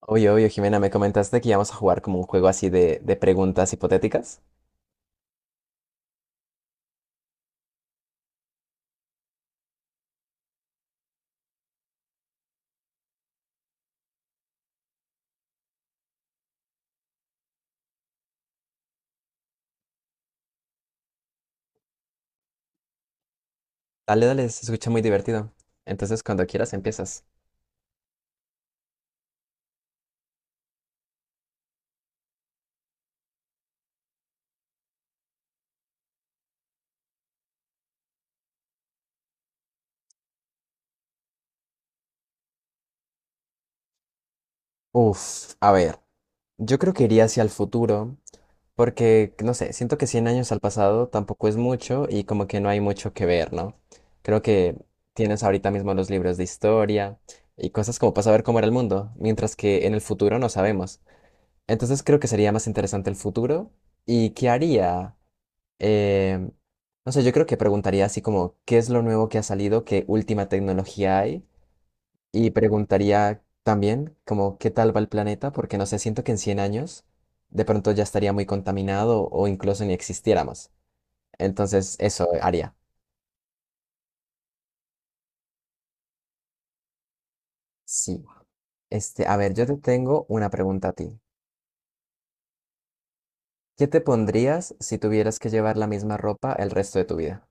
Oye, oye, Jimena, me comentaste que íbamos a jugar como un juego así de preguntas hipotéticas. Dale, dale, se escucha muy divertido. Entonces, cuando quieras, empiezas. Uf, a ver, yo creo que iría hacia el futuro, porque, no sé, siento que 100 años al pasado tampoco es mucho y como que no hay mucho que ver, ¿no? Creo que tienes ahorita mismo los libros de historia y cosas como para saber cómo era el mundo, mientras que en el futuro no sabemos. Entonces, creo que sería más interesante el futuro. ¿Y qué haría? Eh, no sé, yo creo que preguntaría así como, ¿qué es lo nuevo que ha salido? ¿Qué última tecnología hay? Y preguntaría también como, ¿qué tal va el planeta? Porque no sé, siento que en 100 años de pronto ya estaría muy contaminado o incluso ni existiéramos. Entonces, eso haría. Sí. Este, a ver, yo te tengo una pregunta a ti. ¿Qué te pondrías si tuvieras que llevar la misma ropa el resto de tu vida?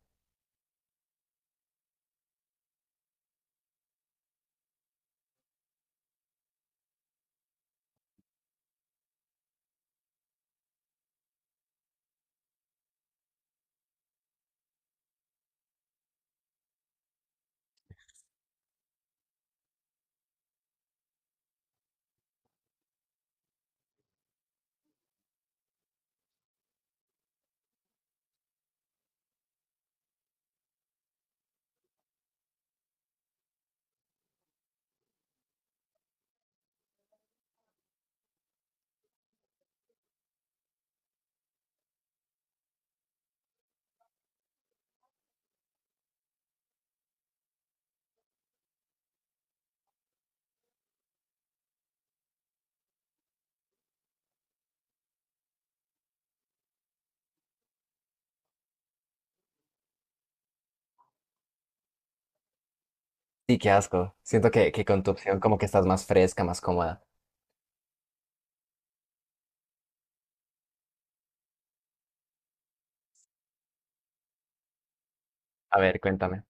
Sí, qué asco. Siento que con tu opción como que estás más fresca, más cómoda. A ver, cuéntame.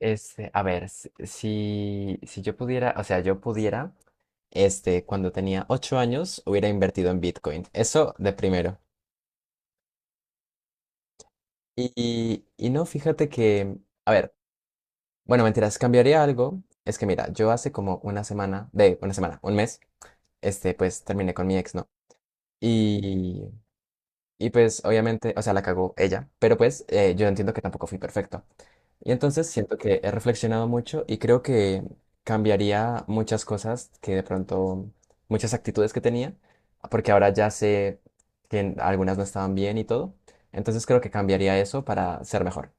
Este, a ver, si yo pudiera, o sea, yo pudiera, este, cuando tenía 8 años, hubiera invertido en Bitcoin. Eso de primero. Y no, fíjate que, a ver, bueno, mentiras, cambiaría algo. Es que mira, yo hace como una semana, de una semana, un mes, este, pues terminé con mi ex, ¿no? Y, Y pues obviamente, o sea, la cagó ella, pero pues yo entiendo que tampoco fui perfecto. Y entonces siento que he reflexionado mucho y creo que cambiaría muchas cosas que de pronto, muchas actitudes que tenía, porque ahora ya sé que algunas no estaban bien y todo. Entonces creo que cambiaría eso para ser mejor.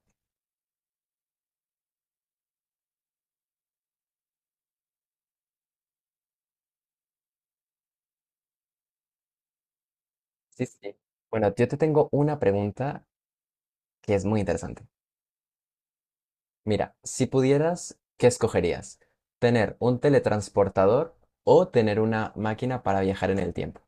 Sí, sí, sí. Bueno, yo te tengo una pregunta que es muy interesante. Mira, si pudieras, ¿qué escogerías? ¿Tener un teletransportador o tener una máquina para viajar en el tiempo?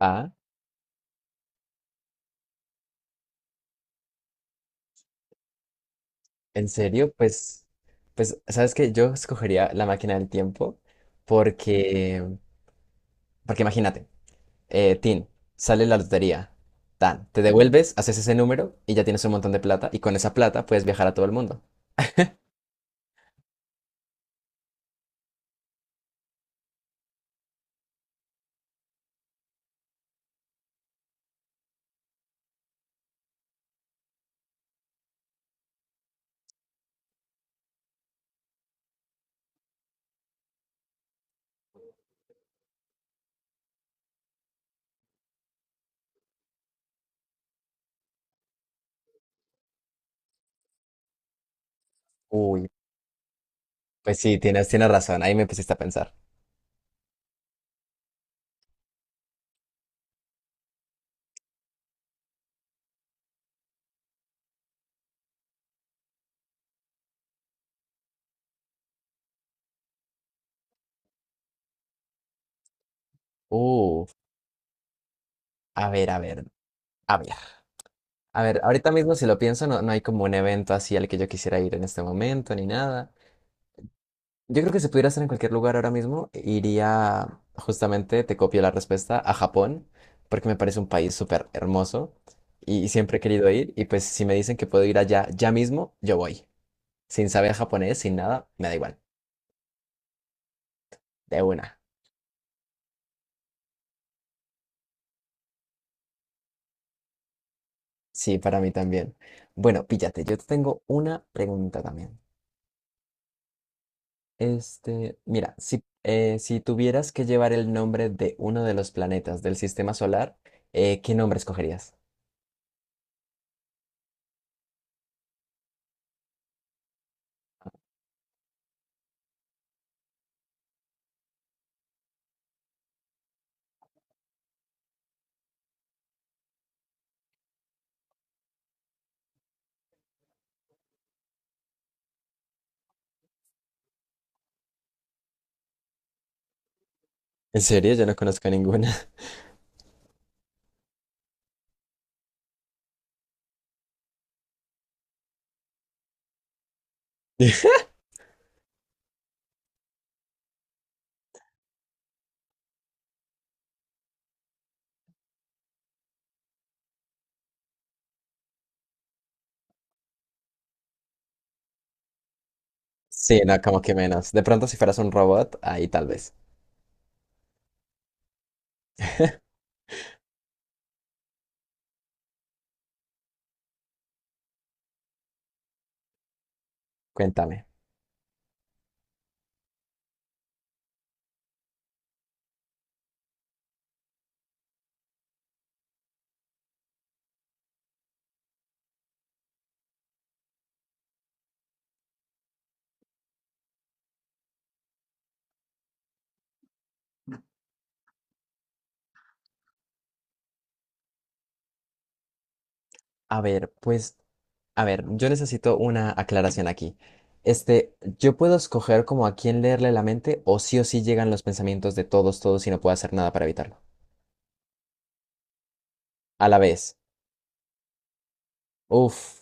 Ah, ¿en serio? Pues, pues, ¿sabes qué? Yo escogería la máquina del tiempo porque, porque imagínate, Tin, sale la lotería, tan, te devuelves, haces ese número y ya tienes un montón de plata y con esa plata puedes viajar a todo el mundo. Uy, pues sí, tienes razón, ahí me pusiste a pensar. Uf, a ver, a ver, a ver. A ver, ahorita mismo si lo pienso, no, no hay como un evento así al que yo quisiera ir en este momento ni nada. Yo creo que si pudiera estar en cualquier lugar ahora mismo, iría justamente, te copio la respuesta, a Japón, porque me parece un país súper hermoso y siempre he querido ir. Y pues si me dicen que puedo ir allá ya mismo, yo voy. Sin saber japonés, sin nada, me da igual. De una. Sí, para mí también. Bueno, píllate, yo te tengo una pregunta también. Este, mira, si tuvieras que llevar el nombre de uno de los planetas del sistema solar, ¿qué nombre escogerías? ¿En serio? Yo no conozco ninguna. Sí, no, como que menos. De pronto, si fueras un robot, ahí tal vez. Cuéntame. A ver, pues, a ver, yo necesito una aclaración aquí. Este, ¿yo puedo escoger como a quién leerle la mente o sí llegan los pensamientos de todos, todos y no puedo hacer nada para evitarlo? A la vez. Uf.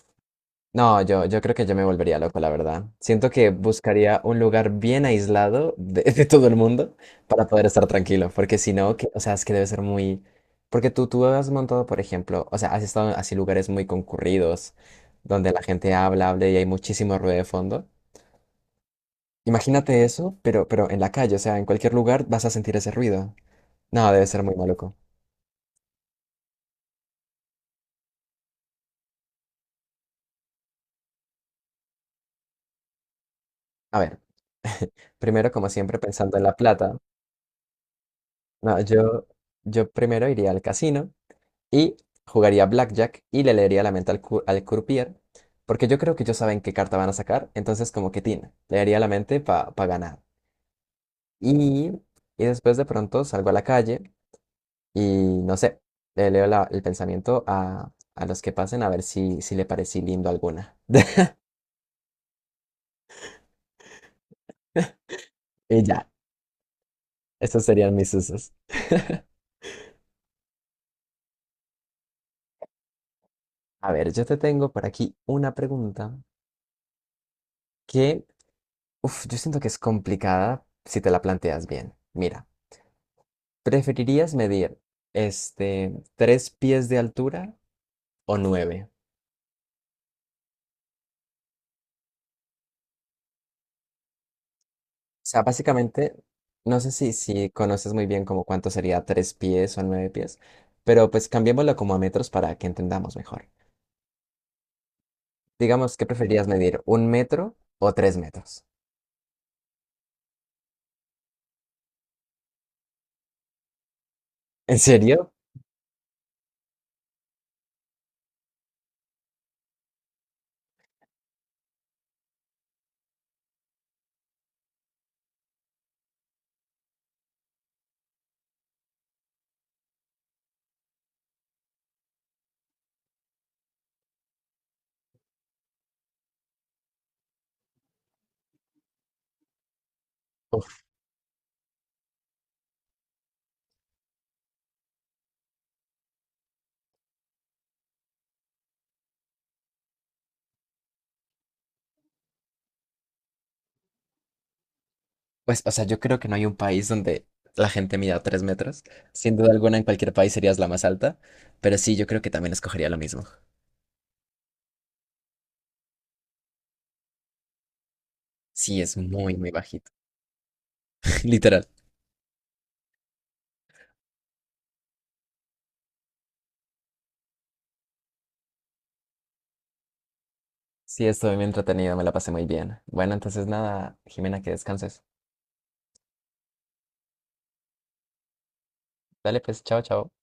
No, yo creo que yo me volvería loco, la verdad. Siento que buscaría un lugar bien aislado de, de todo el mundo para poder estar tranquilo, porque si no, que, o sea, es que debe ser muy... Porque tú has montado, por ejemplo, o sea, has estado en así lugares muy concurridos, donde la gente habla, habla y hay muchísimo ruido de fondo. Imagínate eso, pero en la calle, o sea, en cualquier lugar vas a sentir ese ruido. No, debe ser muy maluco. A ver, primero, como siempre, pensando en la plata. No, yo primero iría al casino y jugaría Blackjack y le leería la mente al, al croupier, porque yo creo que ellos saben qué carta van a sacar, entonces como que tina leería la mente para ganar. Y, y después de pronto salgo a la calle y no sé, le leo el pensamiento a los que pasen a ver si le parecí lindo alguna. Y ya, esos serían mis usos. A ver, yo te tengo por aquí una pregunta que, uff, yo siento que es complicada si te la planteas bien. Mira. ¿Preferirías medir este 3 pies de altura o nueve? O sea, básicamente, no sé si conoces muy bien como cuánto sería 3 pies o 9 pies, pero pues cambiémoslo como a metros para que entendamos mejor. Digamos, ¿qué preferirías medir? ¿1 metro o 3 metros? ¿En serio? Uf, pues, o sea, yo creo que no hay un país donde la gente mida 3 metros. Sin duda alguna, en cualquier país serías la más alta, pero sí, yo creo que también escogería lo mismo. Sí, es muy, muy bajito. Literal. Sí, estuve muy entretenido, me la pasé muy bien. Bueno, entonces nada, Jimena, que descanses. Dale, pues, chao, chao.